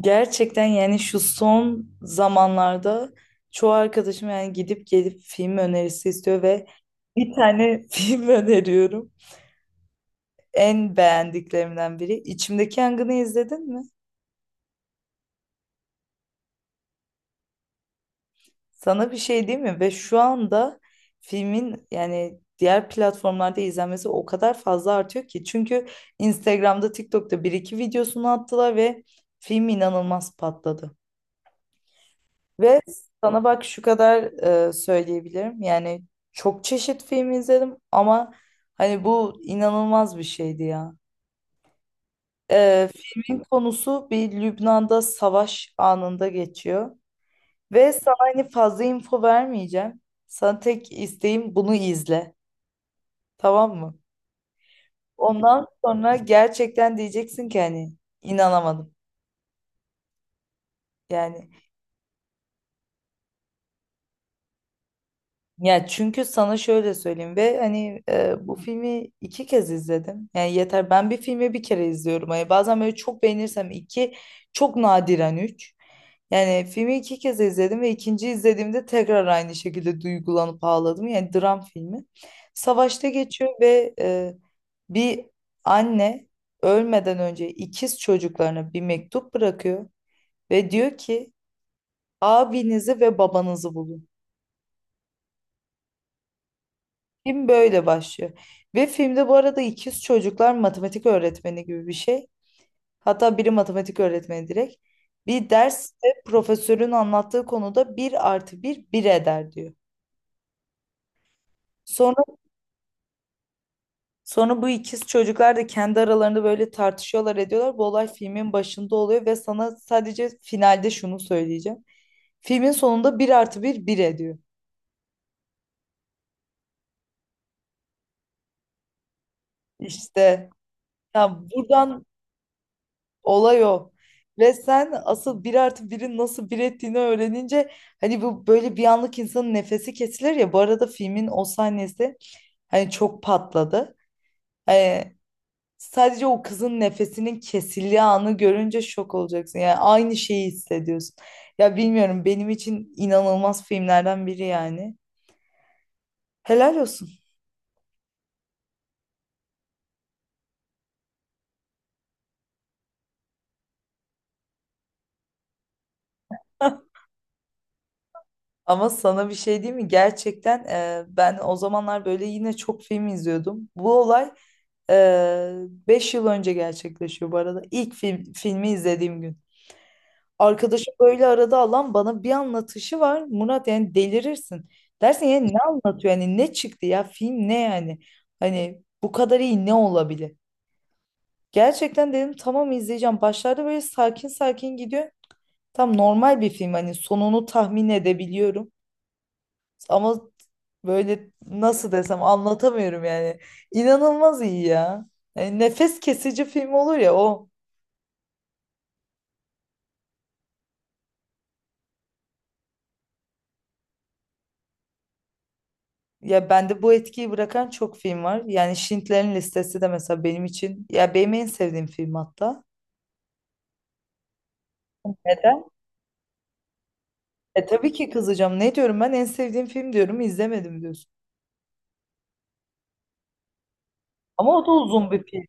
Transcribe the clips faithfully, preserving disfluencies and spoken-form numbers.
Gerçekten yani şu son zamanlarda çoğu arkadaşım yani gidip gelip film önerisi istiyor ve bir tane film öneriyorum. En beğendiklerimden biri. İçimdeki Yangın'ı izledin mi? Sana bir şey değil mi? Ve şu anda filmin yani diğer platformlarda izlenmesi o kadar fazla artıyor ki. Çünkü Instagram'da, TikTok'ta bir iki videosunu attılar ve film inanılmaz patladı. Ve sana bak şu kadar e, söyleyebilirim. Yani çok çeşit film izledim ama hani bu inanılmaz bir şeydi ya. E, filmin konusu bir Lübnan'da savaş anında geçiyor. Ve sana hani fazla info vermeyeceğim. Sana tek isteğim bunu izle. Tamam mı? Ondan sonra gerçekten diyeceksin ki hani inanamadım. Yani. Ya çünkü sana şöyle söyleyeyim ve hani e, bu filmi iki kez izledim. Yani yeter, ben bir filmi bir kere izliyorum. Hani bazen böyle çok beğenirsem iki, çok nadiren üç. Yani filmi iki kez izledim ve ikinci izlediğimde tekrar aynı şekilde duygulanıp ağladım. Yani dram filmi. Savaşta geçiyor ve e, bir anne ölmeden önce ikiz çocuklarına bir mektup bırakıyor ve diyor ki abinizi ve babanızı bulun. Film böyle başlıyor. Ve filmde bu arada ikiz çocuklar matematik öğretmeni gibi bir şey. Hatta biri matematik öğretmeni direkt. Bir derste profesörün anlattığı konuda bir artı bir bir eder diyor. Sonra sonra bu ikiz çocuklar da kendi aralarında böyle tartışıyorlar, ediyorlar. Bu olay filmin başında oluyor ve sana sadece finalde şunu söyleyeceğim. Filmin sonunda bir artı bir bir ediyor. İşte, ya, buradan... Olay o. Ve sen asıl bir artı birin nasıl bir ettiğini öğrenince hani bu böyle bir anlık insanın nefesi kesilir ya. Bu arada filmin o sahnesi hani çok patladı. Ee, Sadece o kızın nefesinin kesildiği anı görünce şok olacaksın. Yani aynı şeyi hissediyorsun. Ya bilmiyorum, benim için inanılmaz filmlerden biri yani. Helal olsun. Ama sana bir şey diyeyim mi? Gerçekten e, ben o zamanlar böyle yine çok film izliyordum. Bu olay beş yıl önce gerçekleşiyor bu arada. İlk film, filmi izlediğim gün. Arkadaşım böyle arada alan bana bir anlatışı var. Murat, yani delirirsin. Dersin, yani ne anlatıyor? Yani ne çıktı ya? Film ne yani? Hani bu kadar iyi ne olabilir? Gerçekten dedim, tamam, izleyeceğim. Başlarda böyle sakin sakin gidiyor. Tam normal bir film, hani sonunu tahmin edebiliyorum. Ama böyle nasıl desem, anlatamıyorum yani. İnanılmaz iyi ya. Yani nefes kesici film olur ya o. Ya bende bu etkiyi bırakan çok film var. Yani Schindler'in Listesi de mesela benim için, ya benim en sevdiğim film hatta. Neden? E tabii ki kızacağım. Ne diyorum ben, en sevdiğim film diyorum, izlemedim diyorsun. Ama o da uzun bir film.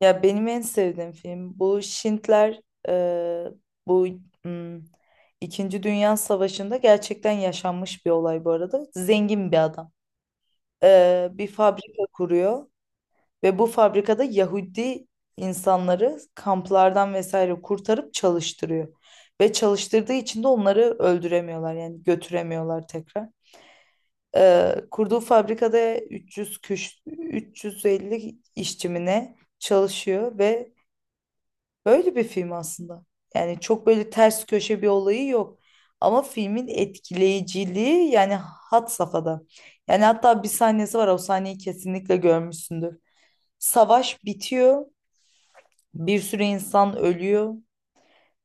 Ya benim en sevdiğim film bu Schindler, e, bu hmm, İkinci Dünya Savaşı'nda gerçekten yaşanmış bir olay bu arada. Zengin bir adam. E, bir fabrika kuruyor. Ve bu fabrikada Yahudi insanları kamplardan vesaire kurtarıp çalıştırıyor. Ve çalıştırdığı için de onları öldüremiyorlar, yani götüremiyorlar tekrar. Ee, kurduğu fabrikada üç yüz küş, üç yüz elli işçimine çalışıyor ve böyle bir film aslında. Yani çok böyle ters köşe bir olayı yok. Ama filmin etkileyiciliği yani had safhada. Yani hatta bir sahnesi var, o sahneyi kesinlikle görmüşsündür. Savaş bitiyor, bir sürü insan ölüyor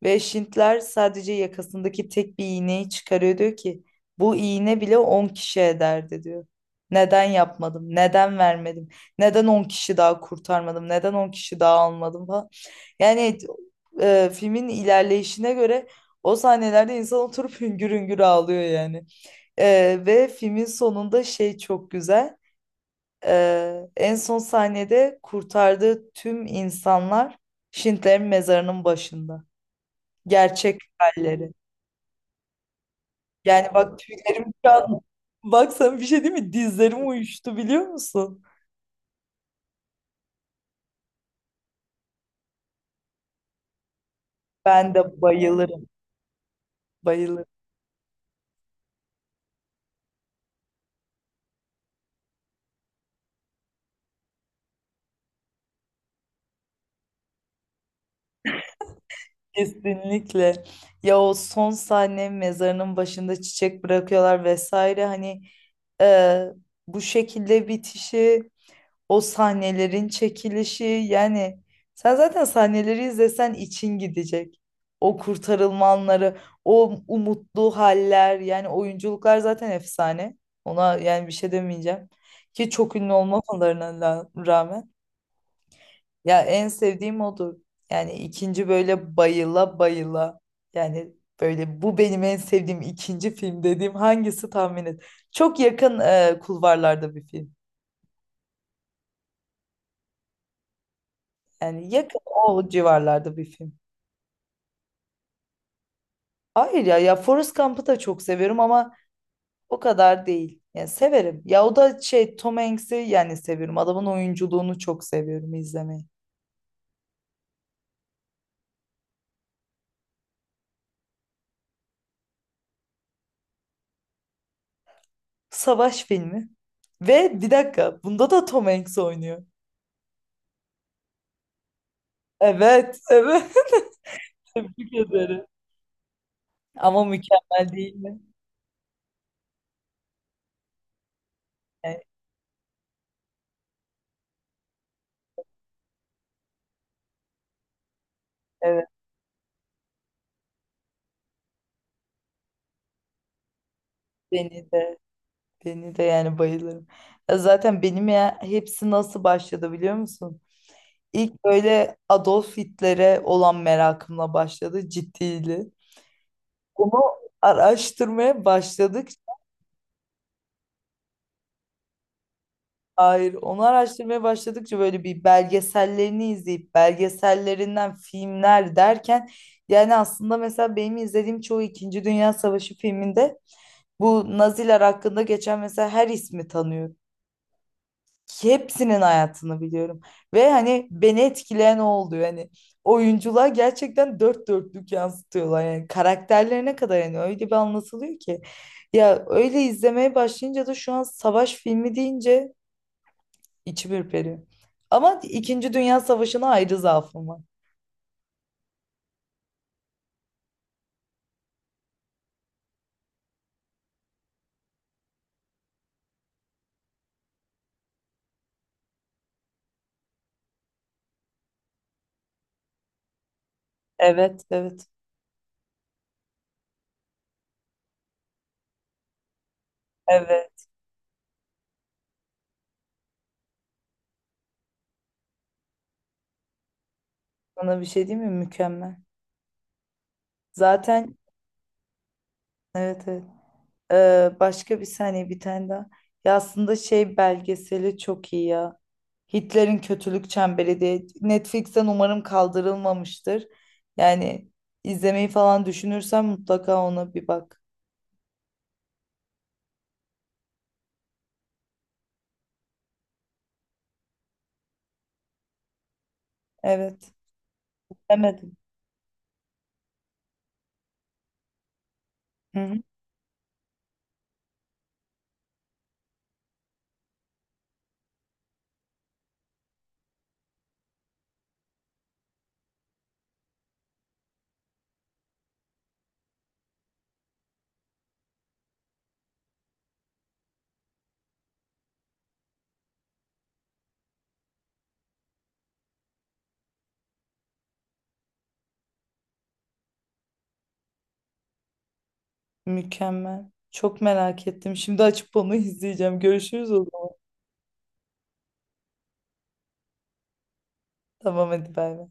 ve Şintler sadece yakasındaki tek bir iğneyi çıkarıyor, diyor ki bu iğne bile on kişi ederdi diyor. Neden yapmadım? Neden vermedim? Neden on kişi daha kurtarmadım? Neden on kişi daha almadım falan. Yani e, filmin ilerleyişine göre o sahnelerde insan oturup hüngür hüngür ağlıyor yani. E, ve filmin sonunda şey çok güzel. Ee, en son sahnede kurtardığı tüm insanlar Schindler'in mezarının başında. Gerçek halleri. Yani bak, tüylerim şu an, bak sana bir şey değil mi? Dizlerim uyuştu biliyor musun? Ben de bayılırım. Bayılırım. Kesinlikle. Ya o son sahne mezarının başında çiçek bırakıyorlar vesaire, hani e, bu şekilde bitişi. O sahnelerin çekilişi yani, sen zaten sahneleri izlesen için gidecek. O kurtarılma anları, o umutlu haller, yani oyunculuklar zaten efsane. Ona yani bir şey demeyeceğim. Ki çok ünlü olmamalarına la- rağmen. Ya en sevdiğim odur. Yani ikinci, böyle bayıla bayıla. Yani böyle bu benim en sevdiğim ikinci film dediğim hangisi, tahmin et. Çok yakın, e, kulvarlarda bir film. Yani yakın, o civarlarda bir film. Hayır, ya ya Forrest Gump'ı da çok seviyorum ama o kadar değil. Yani severim. Ya o da şey, Tom Hanks'i yani seviyorum. Adamın oyunculuğunu çok seviyorum izlemeyi. Savaş filmi. Ve bir dakika, bunda da Tom Hanks oynuyor. Evet, evet. Tebrik ederim. Ama mükemmel değil mi? Yani, evet, beni de beni de yani bayılırım. Ya zaten benim, ya hepsi nasıl başladı biliyor musun? İlk böyle Adolf Hitler'e olan merakımla başladı, ciddiydi. Onu araştırmaya başladıkça, hayır, onu araştırmaya başladıkça böyle bir belgesellerini izleyip belgesellerinden filmler derken, yani aslında mesela benim izlediğim çoğu İkinci Dünya Savaşı filminde bu Naziler hakkında geçen mesela her ismi tanıyorum. Hepsinin hayatını biliyorum. Ve hani beni etkileyen o oldu. Yani oyunculuğa gerçekten dört dörtlük yansıtıyorlar. Yani karakterlerine kadar, yani öyle bir anlatılıyor ki. Ya öyle izlemeye başlayınca da şu an savaş filmi deyince içim ürperiyor. Ama İkinci Dünya Savaşı'na ayrı zaafım var. Evet, evet. Evet. Sana bir şey diyeyim mi? Mükemmel. Zaten evet, evet. Ee, başka bir saniye, bir tane daha. Ya aslında şey belgeseli çok iyi ya. Hitler'in Kötülük Çemberi diye. Netflix'ten umarım kaldırılmamıştır. Yani izlemeyi falan düşünürsen mutlaka ona bir bak. Evet. Demedim. Hı hı. Mükemmel. Çok merak ettim. Şimdi açıp onu izleyeceğim. Görüşürüz o zaman. Tamam, hadi bay bay.